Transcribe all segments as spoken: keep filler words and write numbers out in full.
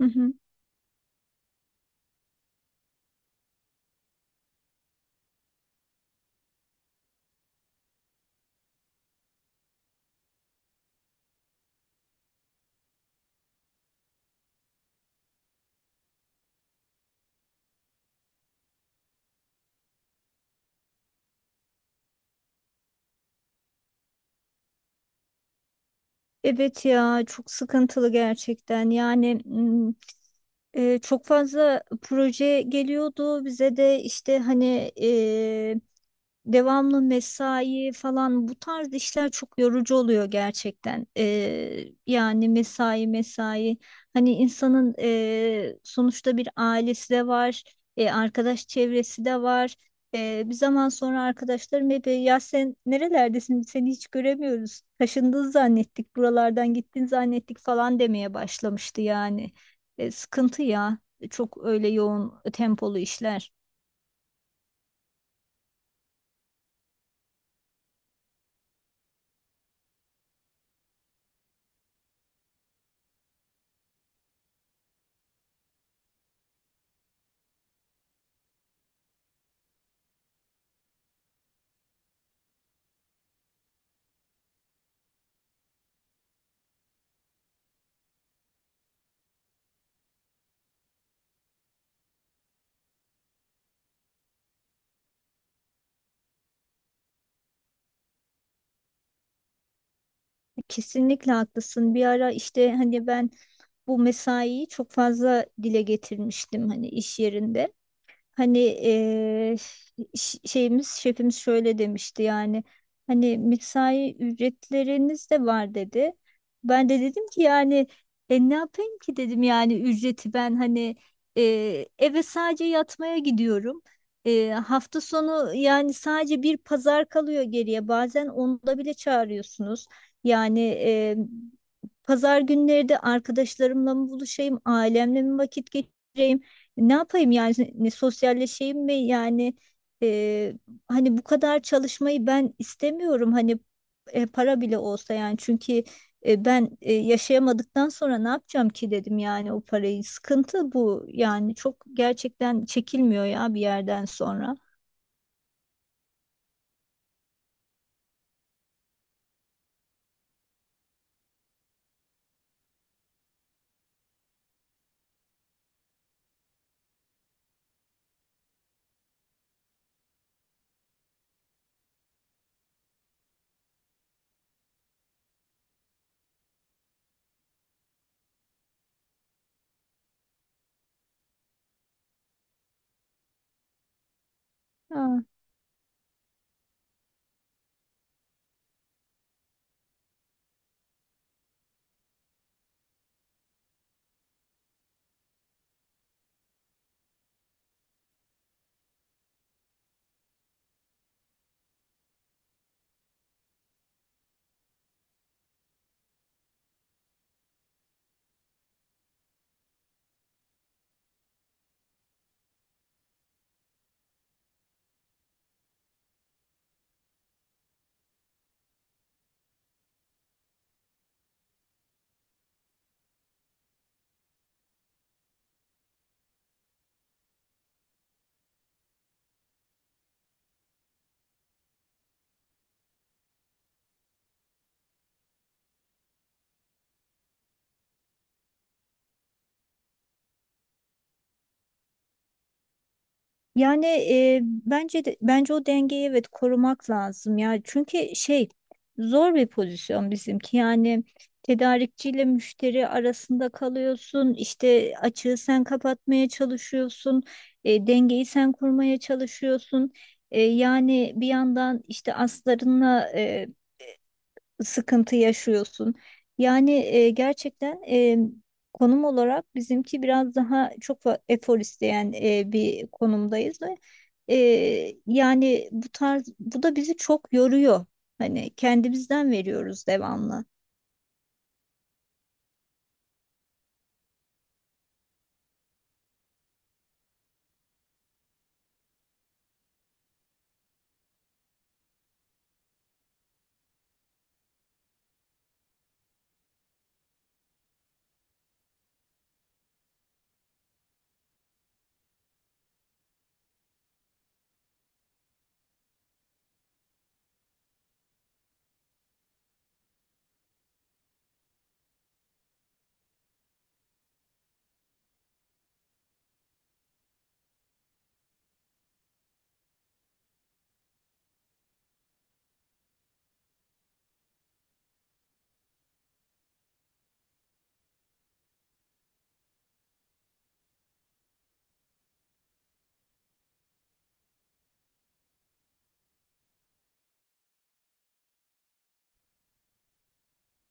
Hı hı. Evet ya, çok sıkıntılı gerçekten. Yani m, e, çok fazla proje geliyordu bize de, işte hani devamlı mesai falan. Bu tarz işler çok yorucu oluyor gerçekten. Ee, yani mesai mesai, hani insanın e, sonuçta bir ailesi de var, e, arkadaş çevresi de var. Ee, bir zaman sonra arkadaşlarım hep "E, ya sen nerelerdesin, seni hiç göremiyoruz. Taşındın zannettik, buralardan gittin zannettik" falan demeye başlamıştı yani. Ee, sıkıntı ya, E, çok öyle yoğun tempolu işler. Kesinlikle haklısın. Bir ara işte hani ben bu mesaiyi çok fazla dile getirmiştim hani iş yerinde. Hani eee, ş- şeyimiz şefimiz şöyle demişti yani, hani mesai ücretleriniz de var dedi. Ben de dedim ki yani, e, ne yapayım ki dedim, yani ücreti ben hani, eee, eve sadece yatmaya gidiyorum. Eee, hafta sonu yani sadece bir pazar kalıyor geriye, bazen onda bile çağırıyorsunuz. Yani eee, Pazar günleri de arkadaşlarımla mı buluşayım, ailemle mi vakit geçireyim? Ne yapayım yani, ne sosyalleşeyim mi yani? e, Hani bu kadar çalışmayı ben istemiyorum, hani e, para bile olsa. Yani çünkü e, ben e, yaşayamadıktan sonra ne yapacağım ki dedim yani o parayı. Sıkıntı bu yani, çok gerçekten çekilmiyor ya bir yerden sonra. Yani e, bence de, bence o dengeyi evet korumak lazım ya. Çünkü şey, zor bir pozisyon bizimki. Yani tedarikçiyle müşteri arasında kalıyorsun. İşte açığı sen kapatmaya çalışıyorsun, e, dengeyi sen kurmaya çalışıyorsun. E, yani bir yandan işte aslarınla sıkıntı yaşıyorsun. Yani e, gerçekten, e, konum olarak bizimki biraz daha çok fa- efor isteyen e, bir konumdayız ve e, yani bu tarz, bu da bizi çok yoruyor. Hani kendimizden veriyoruz devamlı.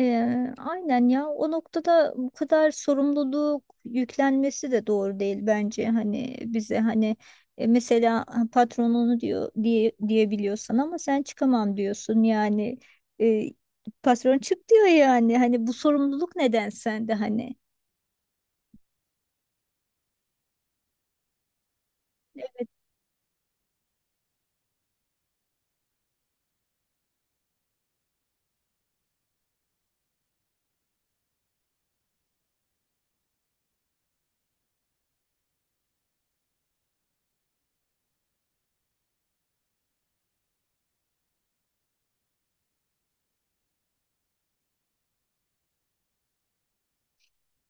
Ee, aynen ya, o noktada bu kadar sorumluluk yüklenmesi de doğru değil bence, hani bize. Hani e, mesela patronunu diyor diye diyebiliyorsan ama sen çıkamam diyorsun yani. e, Patron çık diyor, yani hani bu sorumluluk neden sende hani? Evet.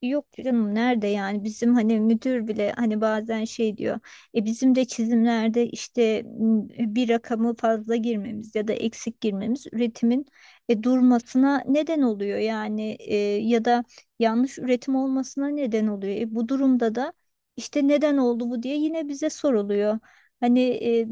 Yok canım, nerede yani? Bizim hani müdür bile hani bazen şey diyor. E bizim de çizimlerde işte m, bir rakamı fazla girmemiz ya da eksik girmemiz üretimin e, durmasına neden oluyor, yani e, ya da yanlış üretim olmasına neden oluyor. E, bu durumda da işte neden oldu bu diye yine bize soruluyor. Hani e,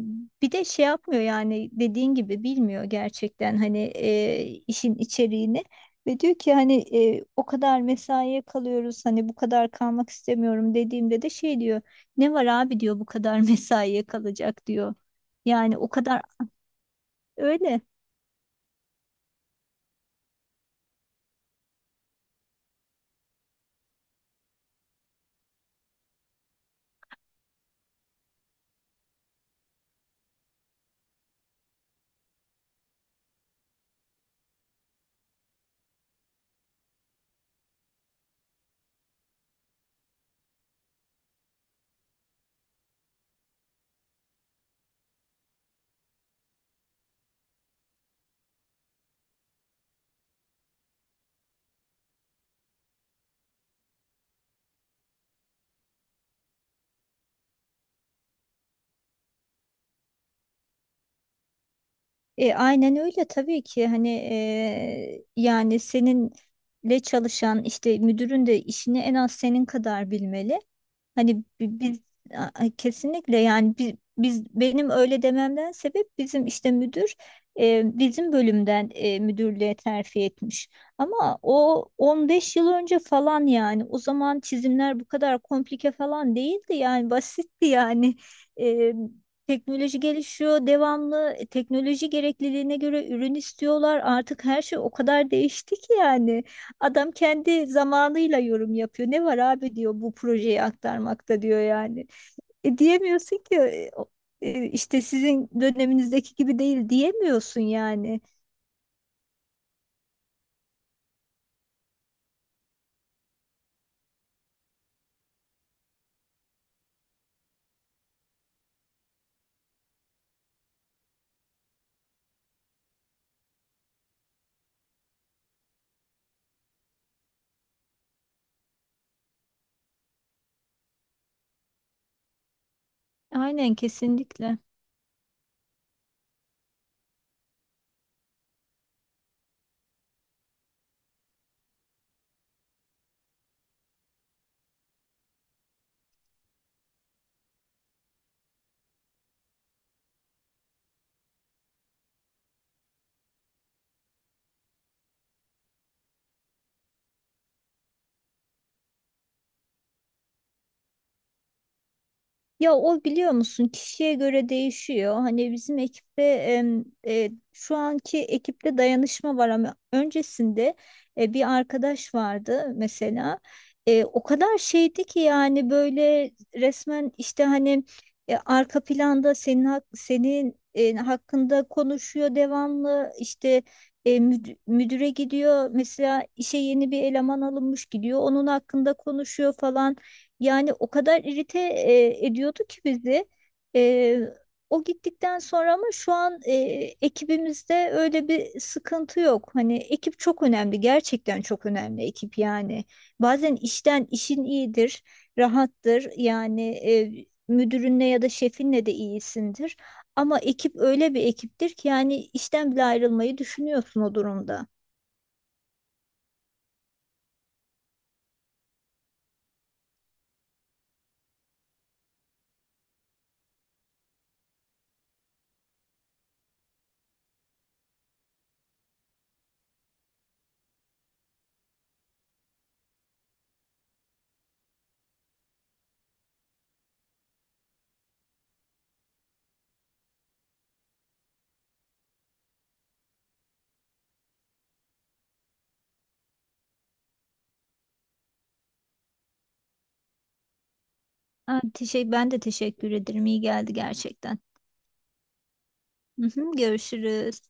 bir de şey yapmıyor yani, dediğin gibi bilmiyor gerçekten hani e, işin içeriğini. Ve diyor ki hani, e, o kadar mesaiye kalıyoruz, hani bu kadar kalmak istemiyorum dediğimde de şey diyor, ne var abi diyor bu kadar mesaiye kalacak diyor. Yani o kadar öyle. E, aynen öyle tabii ki. Hani e, yani seninle çalışan işte müdürün de işini en az senin kadar bilmeli. Hani bi- biz a- kesinlikle yani biz, biz benim öyle dememden sebep, bizim işte müdür e, bizim bölümden e, müdürlüğe terfi etmiş. Ama o on beş yıl önce falan, yani o zaman çizimler bu kadar komplike falan değildi, yani basitti yani. E, Teknoloji gelişiyor devamlı, e, teknoloji gerekliliğine göre ürün istiyorlar, artık her şey o kadar değişti ki yani. Adam kendi zamanıyla yorum yapıyor. Ne var abi diyor bu projeyi aktarmakta diyor yani. E, diyemiyorsun ki e, o- e, işte sizin döneminizdeki gibi değil, diyemiyorsun yani. Aynen, kesinlikle. Ya o, biliyor musun, kişiye göre değişiyor. Hani bizim ekipte em, e, şu anki ekipte dayanışma var ama öncesinde e, bir arkadaş vardı mesela. E, o kadar şeydi ki yani, böyle resmen işte hani e, arka planda senin hak- senin e, hakkında konuşuyor devamlı, işte e, müd- müdüre gidiyor mesela, işe yeni bir eleman alınmış gidiyor onun hakkında konuşuyor falan. Yani o kadar irite e, ediyordu ki bizi. E, O gittikten sonra ama şu an e, ekibimizde öyle bir sıkıntı yok. Hani ekip çok önemli, gerçekten çok önemli ekip yani. Bazen işten, işin iyidir, rahattır. Yani e, müdürünle ya da şefinle de iyisindir. Ama ekip öyle bir ekiptir ki yani işten bile ayrılmayı düşünüyorsun o durumda. Ha, teşekkür, ben de teşekkür ederim. İyi geldi gerçekten. Hı hı, görüşürüz.